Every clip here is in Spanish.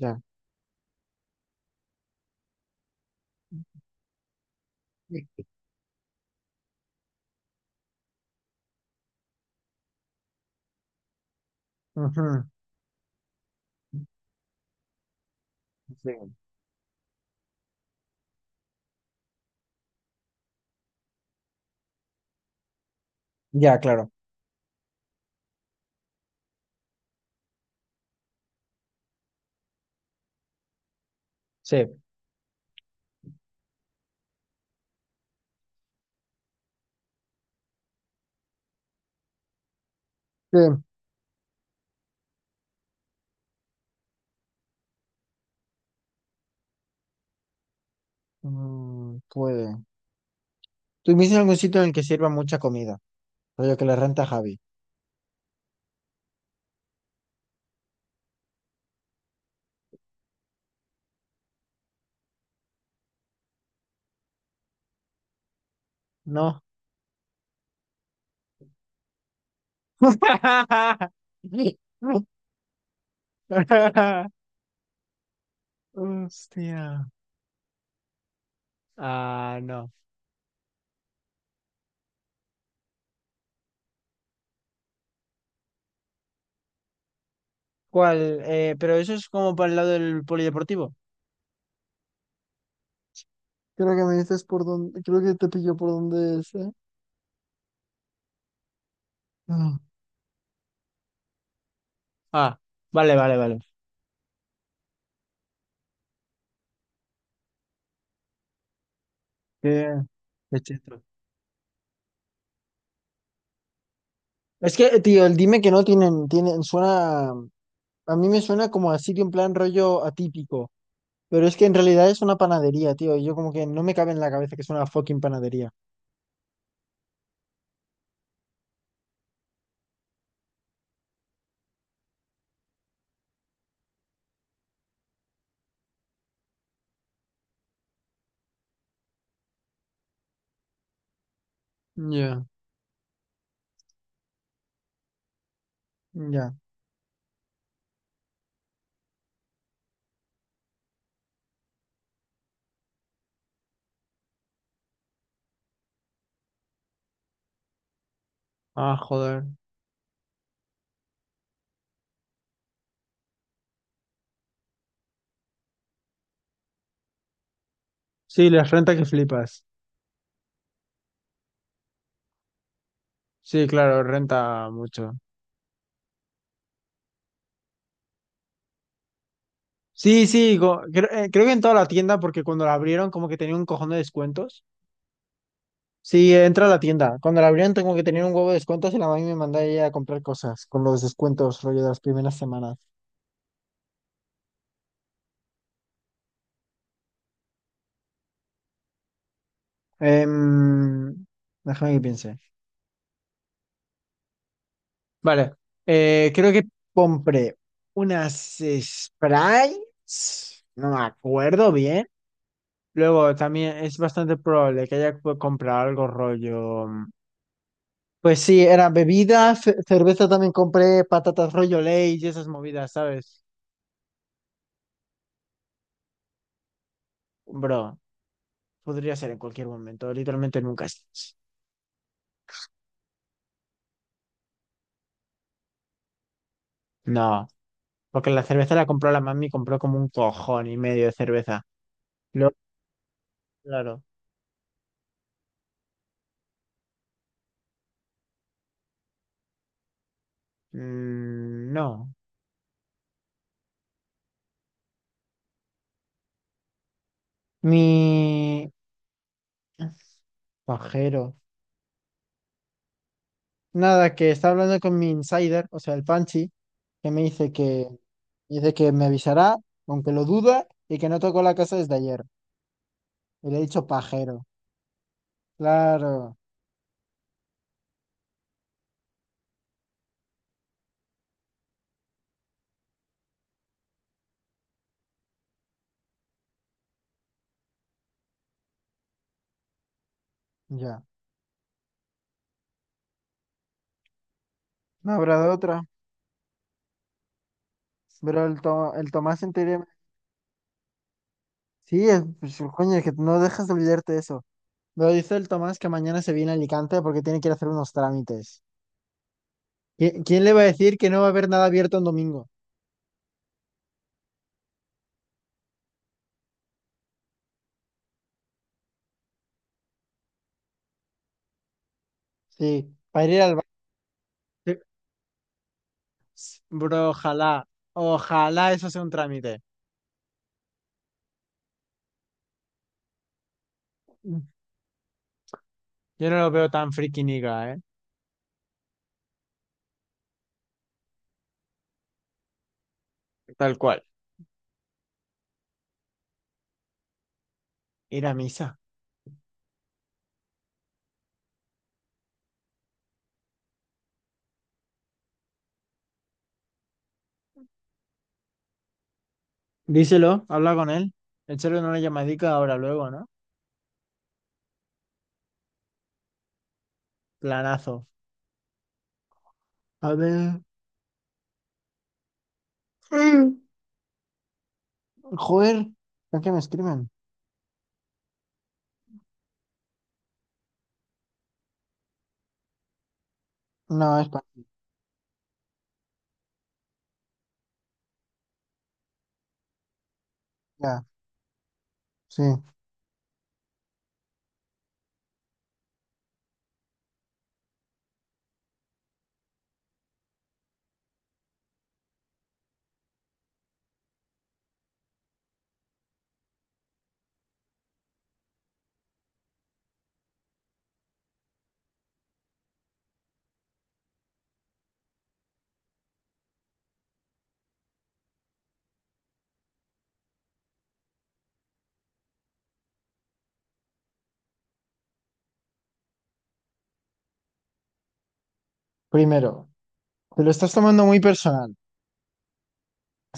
Ya. Sí. Ujú, sí. Ya, claro. Sí. Sí. Mm, puede. ¿Tú viste algún sitio en el que sirva mucha comida? Rollo que le renta a Javi. No. Hostia. Ah, no. ¿Cuál? Pero eso es como para el lado del polideportivo. Creo que me dices por dónde, creo que te pilló por dónde es, ¿eh? Ah, ah, vale, vale, vale. Qué- Qué cheto. Es que, tío, el dime que no tienen, tienen, suena. A mí me suena como a sitio en plan rollo atípico, pero es que en realidad es una panadería, tío. Y yo como que no me cabe en la cabeza que es una fucking panadería. Ya. Ya. Ah, joder. Sí, las renta que flipas. Sí, claro, renta mucho. Sí, sí, creo que en toda la tienda, porque cuando la abrieron como que tenía un cojón de descuentos. Sí, entra a la tienda. Cuando la abrieron tengo que tener un huevo de descuentos y la mami me manda ella a comprar cosas con los descuentos rollo de las primeras semanas. Em, Déjame que piense. Vale, creo que compré unas Sprites, no me acuerdo bien. Luego también es bastante probable que haya comprado algo rollo. Pues sí, era bebida, cerveza también compré, patatas rollo ley y esas movidas, ¿sabes? Bro, podría ser en cualquier momento, literalmente nunca es. No, porque la cerveza la compró la mami, compró como un cojón y medio de cerveza. Luego, claro, mm, no. Mi, pajero. Nada, que está hablando con mi insider, o sea, el Panchi, que me dice que me avisará, aunque lo duda, y que no tocó la casa desde ayer. Y le he dicho pajero. Claro, ya. No habrá de otra. Pero el, el Tomás en teoría... Sí, es, pues, coño, es que no dejas de olvidarte de eso. Pero dice el Tomás que mañana se viene a Alicante porque tiene que ir a hacer unos trámites. ¿Quién le va a decir que no va a haber nada abierto en domingo? Sí, para ir al bar. Bro, ojalá, ojalá eso sea un trámite. Yo no lo veo tan friki niga, ¿eh? Tal cual. Ir a misa. Díselo, habla con él. Échale una llamadica ahora, luego, ¿no? Planazo. A ver. Mm. Joder, ¿a qué me escriben? No, es para... Ya, sí. Primero, te lo estás tomando muy personal.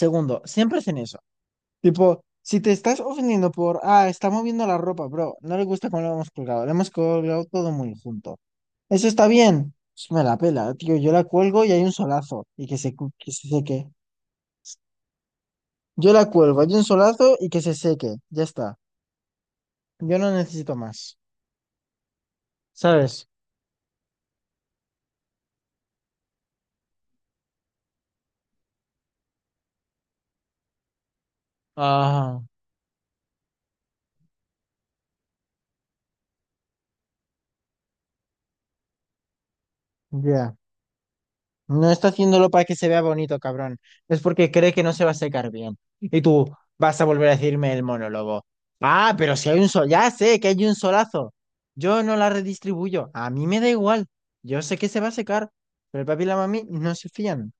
Segundo, siempre hacen eso. Tipo, si te estás ofendiendo por, ah, está moviendo la ropa, bro, no le gusta cómo lo hemos colgado todo muy junto. Eso está bien. Pues me la pela, tío. Yo la cuelgo y hay un solazo y que se, que se seque. Yo la cuelgo, hay un solazo y que se seque. Ya está. Yo no necesito más. ¿Sabes? Ah, ya. No está haciéndolo para que se vea bonito, cabrón. Es porque cree que no se va a secar bien. Y tú vas a volver a decirme el monólogo. Ah, pero si hay un sol, ya sé que hay un solazo. Yo no la redistribuyo. A mí me da igual. Yo sé que se va a secar, pero el papi y la mami no se fían.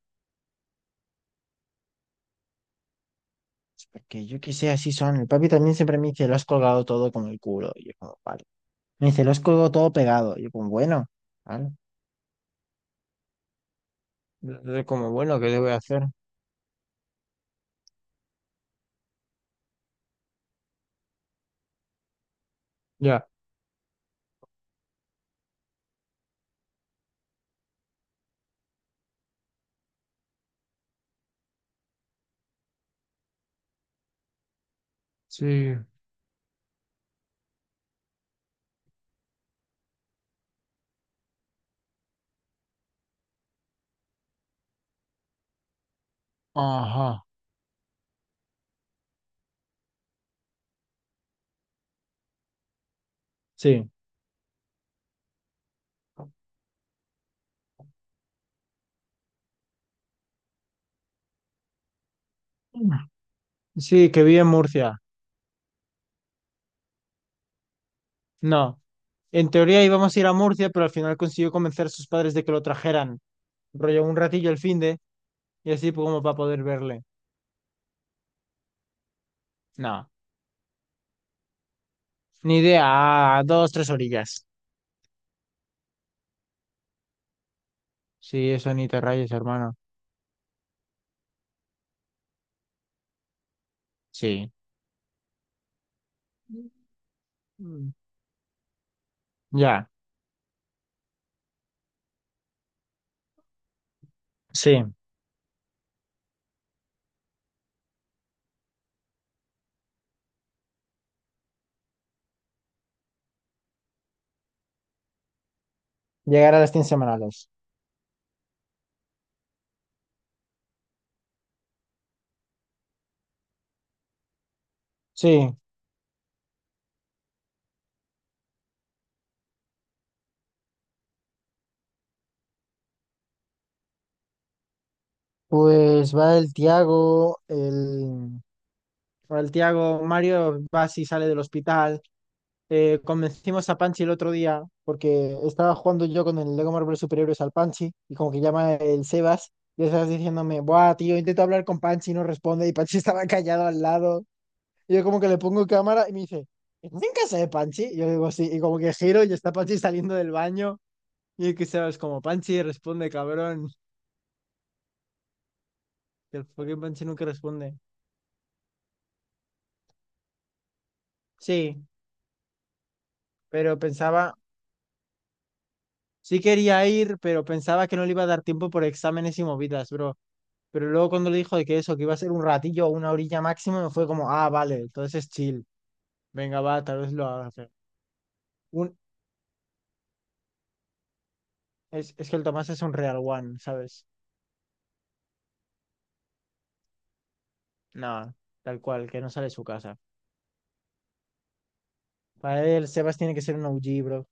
Es porque yo que sé, así son. El papi también siempre me dice, lo has colgado todo como el culo. Y yo como, vale. Me dice, lo has colgado todo pegado. Y yo como, bueno, vale. Yo como, bueno, ¿qué le voy a hacer? Ya, sí. Ajá, sí. Sí, que vive en Murcia. No. En teoría íbamos a ir a Murcia, pero al final consiguió convencer a sus padres de que lo trajeran. Rollo un ratillo el finde y así como para poder verle. No. Ni idea. A dos, tres orillas. Sí, eso ni te rayes, hermano. Sí. Mm. Ya. Sí. Llegar a las 100 semanales. Sí. Pues va el Tiago, el... Va el Tiago, Mario va si sale del hospital. Convencimos a Panchi el otro día porque estaba jugando yo con el Lego Marvel Superhéroes al Panchi y como que llama el Sebas y el Sebas diciéndome, buah, tío, intento hablar con Panchi y no responde y Panchi estaba callado al lado. Y yo como que le pongo cámara y me dice, ¿estás en casa de Panchi? Y yo le digo, sí, y como que giro y está Panchi saliendo del baño y el que Sebas como, Panchi, responde, cabrón. Que el fucking Panchi nunca responde. Sí, pero pensaba, sí quería ir, pero pensaba que no le iba a dar tiempo por exámenes y movidas, bro. Pero luego cuando le dijo de que eso, que iba a ser un ratillo o una orilla máximo, me fue como, ah, vale, entonces es chill. Venga, va, tal vez lo haga. Pero un, es que el Tomás es un real one, ¿sabes? No, tal cual, que no sale de su casa. Para él, Sebas tiene que ser un OG, bro.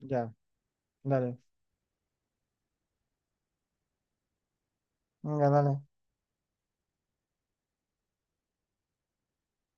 Ya, dale. Venga, dale.